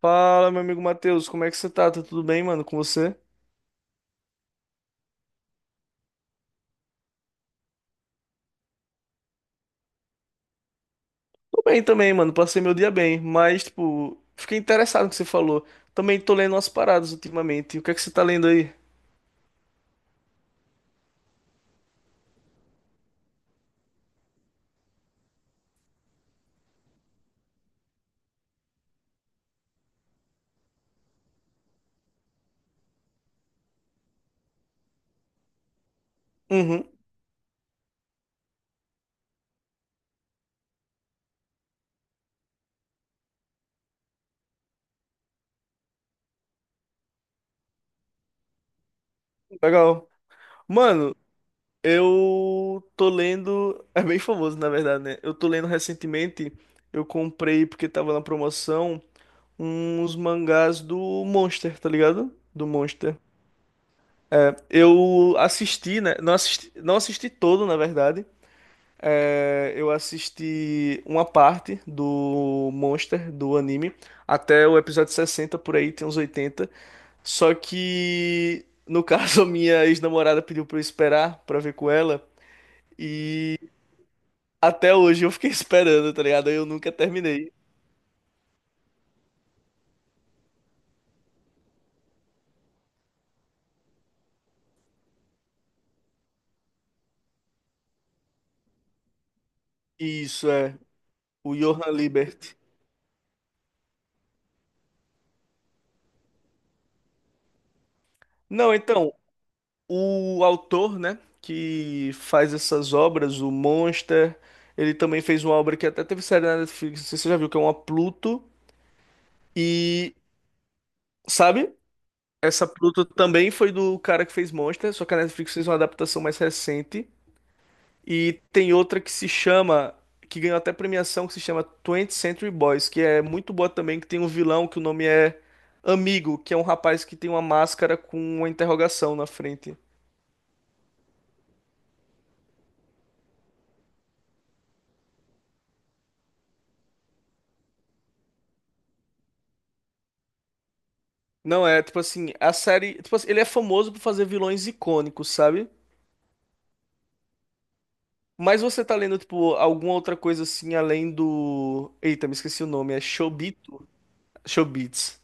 Fala, meu amigo Matheus, como é que você tá? Tá tudo bem, mano, com você? Tô bem também, mano, passei meu dia bem, mas, tipo, fiquei interessado no que você falou. Também tô lendo umas paradas ultimamente. O que é que você tá lendo aí? Uhum, legal. Mano, eu tô lendo. É bem famoso, na verdade, né? Eu tô lendo recentemente, eu comprei, porque tava na promoção, uns mangás do Monster, tá ligado? Do Monster. Eu assisti, né? Não assisti, não assisti todo, na verdade. É, eu assisti uma parte do Monster, do anime, até o episódio 60, por aí tem uns 80. Só que, no caso, a minha ex-namorada pediu pra eu esperar pra ver com ela. Até hoje eu fiquei esperando, tá ligado? Eu nunca terminei. Isso é, o Johann Liebert. Não, então, o autor, né, que faz essas obras, o Monster, ele também fez uma obra que até teve série na Netflix, não sei se você já viu, que é uma Pluto. E. Sabe? Essa Pluto também foi do cara que fez Monster, só que a Netflix fez uma adaptação mais recente. E tem outra que se chama, que ganhou até premiação, que se chama 20 Century Boys, que é muito boa também, que tem um vilão que o nome é Amigo, que é um rapaz que tem uma máscara com uma interrogação na frente. Não é, tipo assim, a série, tipo assim, ele é famoso por fazer vilões icônicos, sabe? Mas você tá lendo, tipo, alguma outra coisa assim, além do... Eita, me esqueci o nome, é Chobito? Chobits.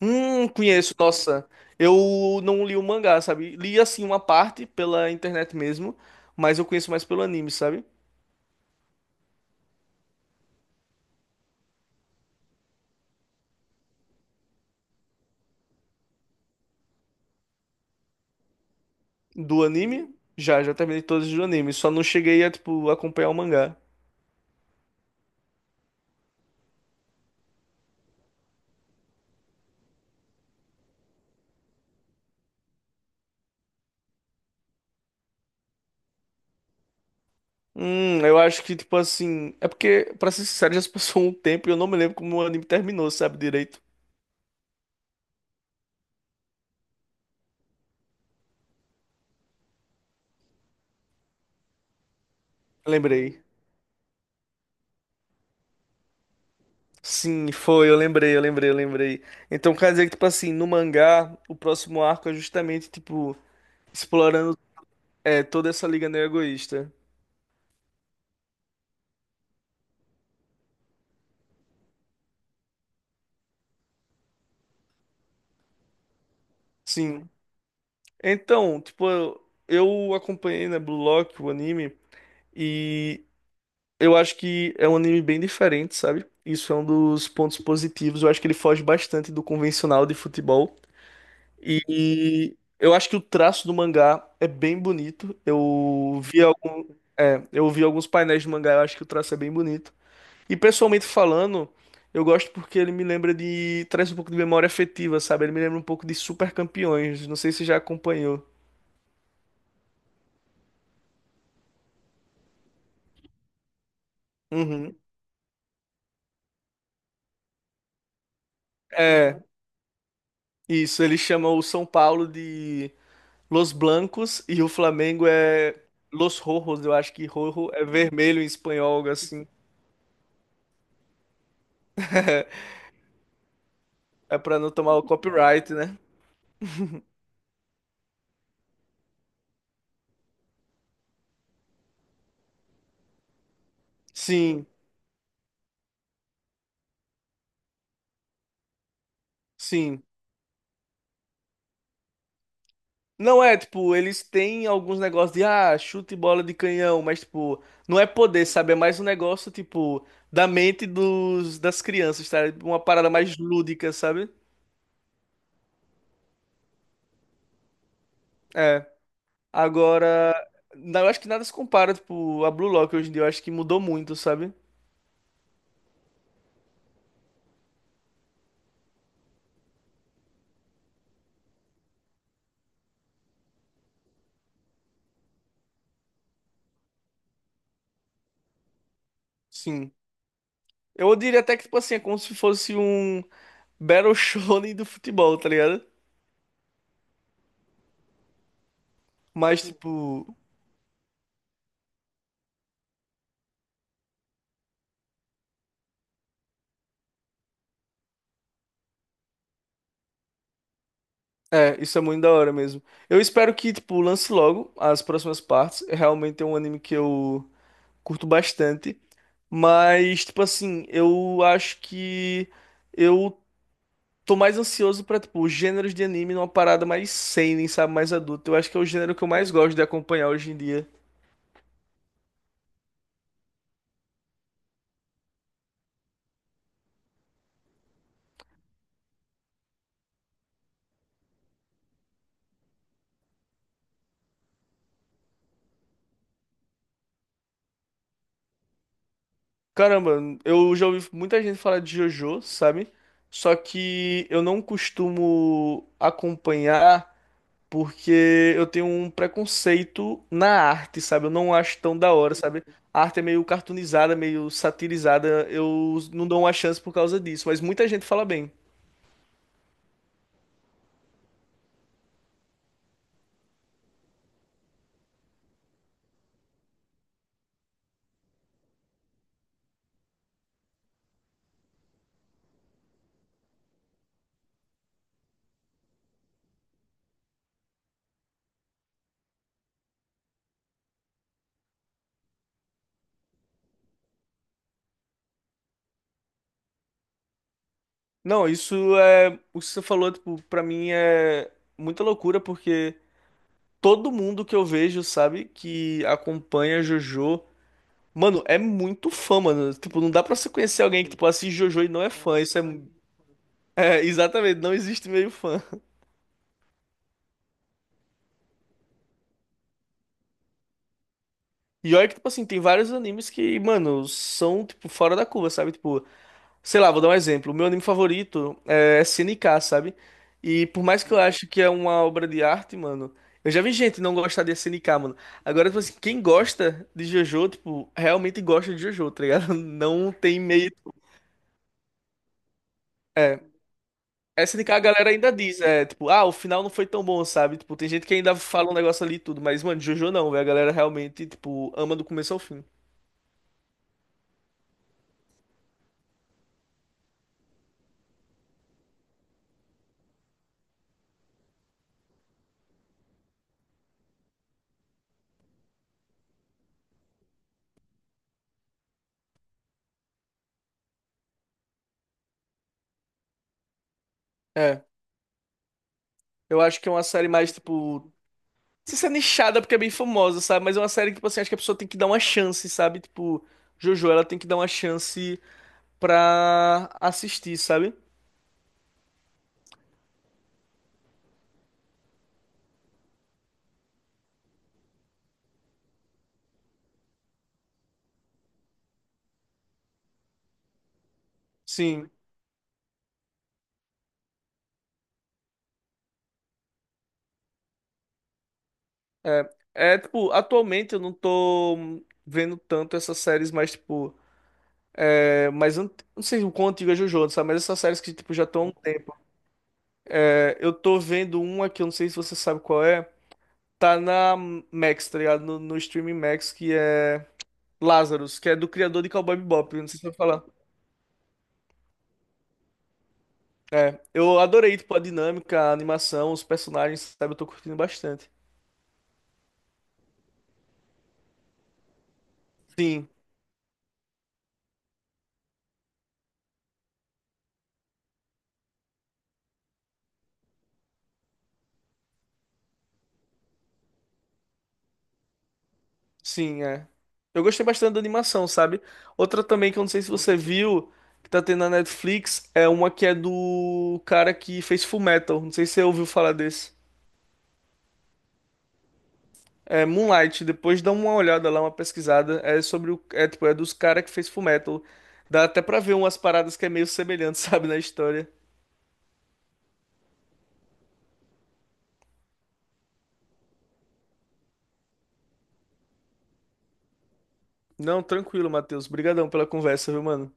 Conheço, nossa. Eu não li o mangá, sabe? Li assim uma parte pela internet mesmo, mas eu conheço mais pelo anime, sabe? Do anime, já, já terminei todos os animes, só não cheguei a, tipo, acompanhar o mangá. Eu acho que, tipo assim. É porque, pra ser sincero, já se passou um tempo e eu não me lembro como o anime terminou, sabe? Direito. Lembrei. Sim, foi, eu lembrei, eu lembrei, eu lembrei. Então quer dizer que, tipo assim, no mangá, o próximo arco é justamente, tipo, explorando é, toda essa liga neo-egoísta. Sim. Então, tipo, eu acompanhei, né, Blue Lock, o anime, e eu acho que é um anime bem diferente, sabe? Isso é um dos pontos positivos. Eu acho que ele foge bastante do convencional de futebol. E eu acho que o traço do mangá é bem bonito. Eu vi, algum, é, eu vi alguns painéis de mangá, eu acho que o traço é bem bonito. E pessoalmente falando, eu gosto porque ele me lembra de. Traz um pouco de memória afetiva, sabe? Ele me lembra um pouco de Super Campeões. Não sei se você já acompanhou. Uhum. É. Isso, ele chama o São Paulo de Los Blancos e o Flamengo é Los Rojos. Eu acho que rojo é vermelho em espanhol, algo assim. É pra não tomar o copyright, né? Sim, sim. Não é, tipo, eles têm alguns negócios de, ah, chute e bola de canhão, mas, tipo, não é poder, sabe? É mais um negócio, tipo, da mente dos, das crianças, tá? Uma parada mais lúdica, sabe? É. Agora, não, eu acho que nada se compara, tipo, a Blue Lock hoje em dia. Eu acho que mudou muito, sabe? Sim. Eu diria até que, tipo assim, é como se fosse um Battle Shonen do futebol, tá ligado? Mas, tipo, é, isso é muito da hora mesmo. Eu espero que, tipo, lance logo as próximas partes. Realmente é um anime que eu curto bastante. Mas, tipo assim, eu acho que eu tô mais ansioso pra, tipo, gêneros de anime numa parada mais seinen, sabe? Mais adulta. Eu acho que é o gênero que eu mais gosto de acompanhar hoje em dia. Caramba, eu já ouvi muita gente falar de JoJo, sabe? Só que eu não costumo acompanhar porque eu tenho um preconceito na arte, sabe? Eu não acho tão da hora, sabe? A arte é meio cartoonizada, meio satirizada, eu não dou uma chance por causa disso, mas muita gente fala bem. Não, isso é. O que você falou, tipo, pra mim é muita loucura porque todo mundo que eu vejo, sabe, que acompanha JoJo. Mano, é muito fã, mano. Tipo, não dá pra você conhecer alguém que, tipo, assiste JoJo e não é fã. Isso é. É, exatamente, não existe meio fã. E olha que, tipo assim, tem vários animes que, mano, são, tipo, fora da curva, sabe? Tipo, sei lá, vou dar um exemplo. O meu anime favorito é SNK, sabe? E por mais que eu acho que é uma obra de arte, mano, eu já vi gente não gostar de SNK, mano. Agora, tipo assim, quem gosta de JoJo, tipo, realmente gosta de JoJo, tá ligado? Não tem meio. É, SNK a galera ainda diz, é, tipo, ah, o final não foi tão bom, sabe? Tipo, tem gente que ainda fala um negócio ali e tudo, mas, mano, JoJo não, velho. A galera realmente, tipo, ama do começo ao fim. É, eu acho que é uma série mais, tipo, não sei se é nichada porque é bem famosa, sabe? Mas é uma série que, tipo assim, acho que a pessoa tem que dar uma chance, sabe? Tipo, JoJo, ela tem que dar uma chance pra assistir, sabe? Sim. É, tipo, atualmente eu não tô vendo tanto essas séries mais, tipo, é, mais, ant- não sei o quão antiga é JoJo, sabe? Mas essas séries que, tipo, já estão Eu tô vendo uma que eu não sei se você sabe qual é. Tá na Max, tá ligado? No streaming Max, que é Lazarus, que é do criador de Cowboy Bebop. Eu não sei se você vai falar. Eu adorei, tipo, a dinâmica, a animação, os personagens, sabe? Eu tô curtindo bastante. Sim, sim, é. Eu gostei bastante da animação, sabe? Outra também que eu não sei se você viu, que tá tendo na Netflix, é uma que é do cara que fez Fullmetal. Não sei se você ouviu falar desse. É, Moonlight, depois dá uma olhada lá, uma pesquisada. É sobre o. É, tipo, é dos caras que fez Fullmetal. Dá até pra ver umas paradas que é meio semelhante, sabe, na história. Não, tranquilo, Matheus. Obrigadão pela conversa, viu, mano?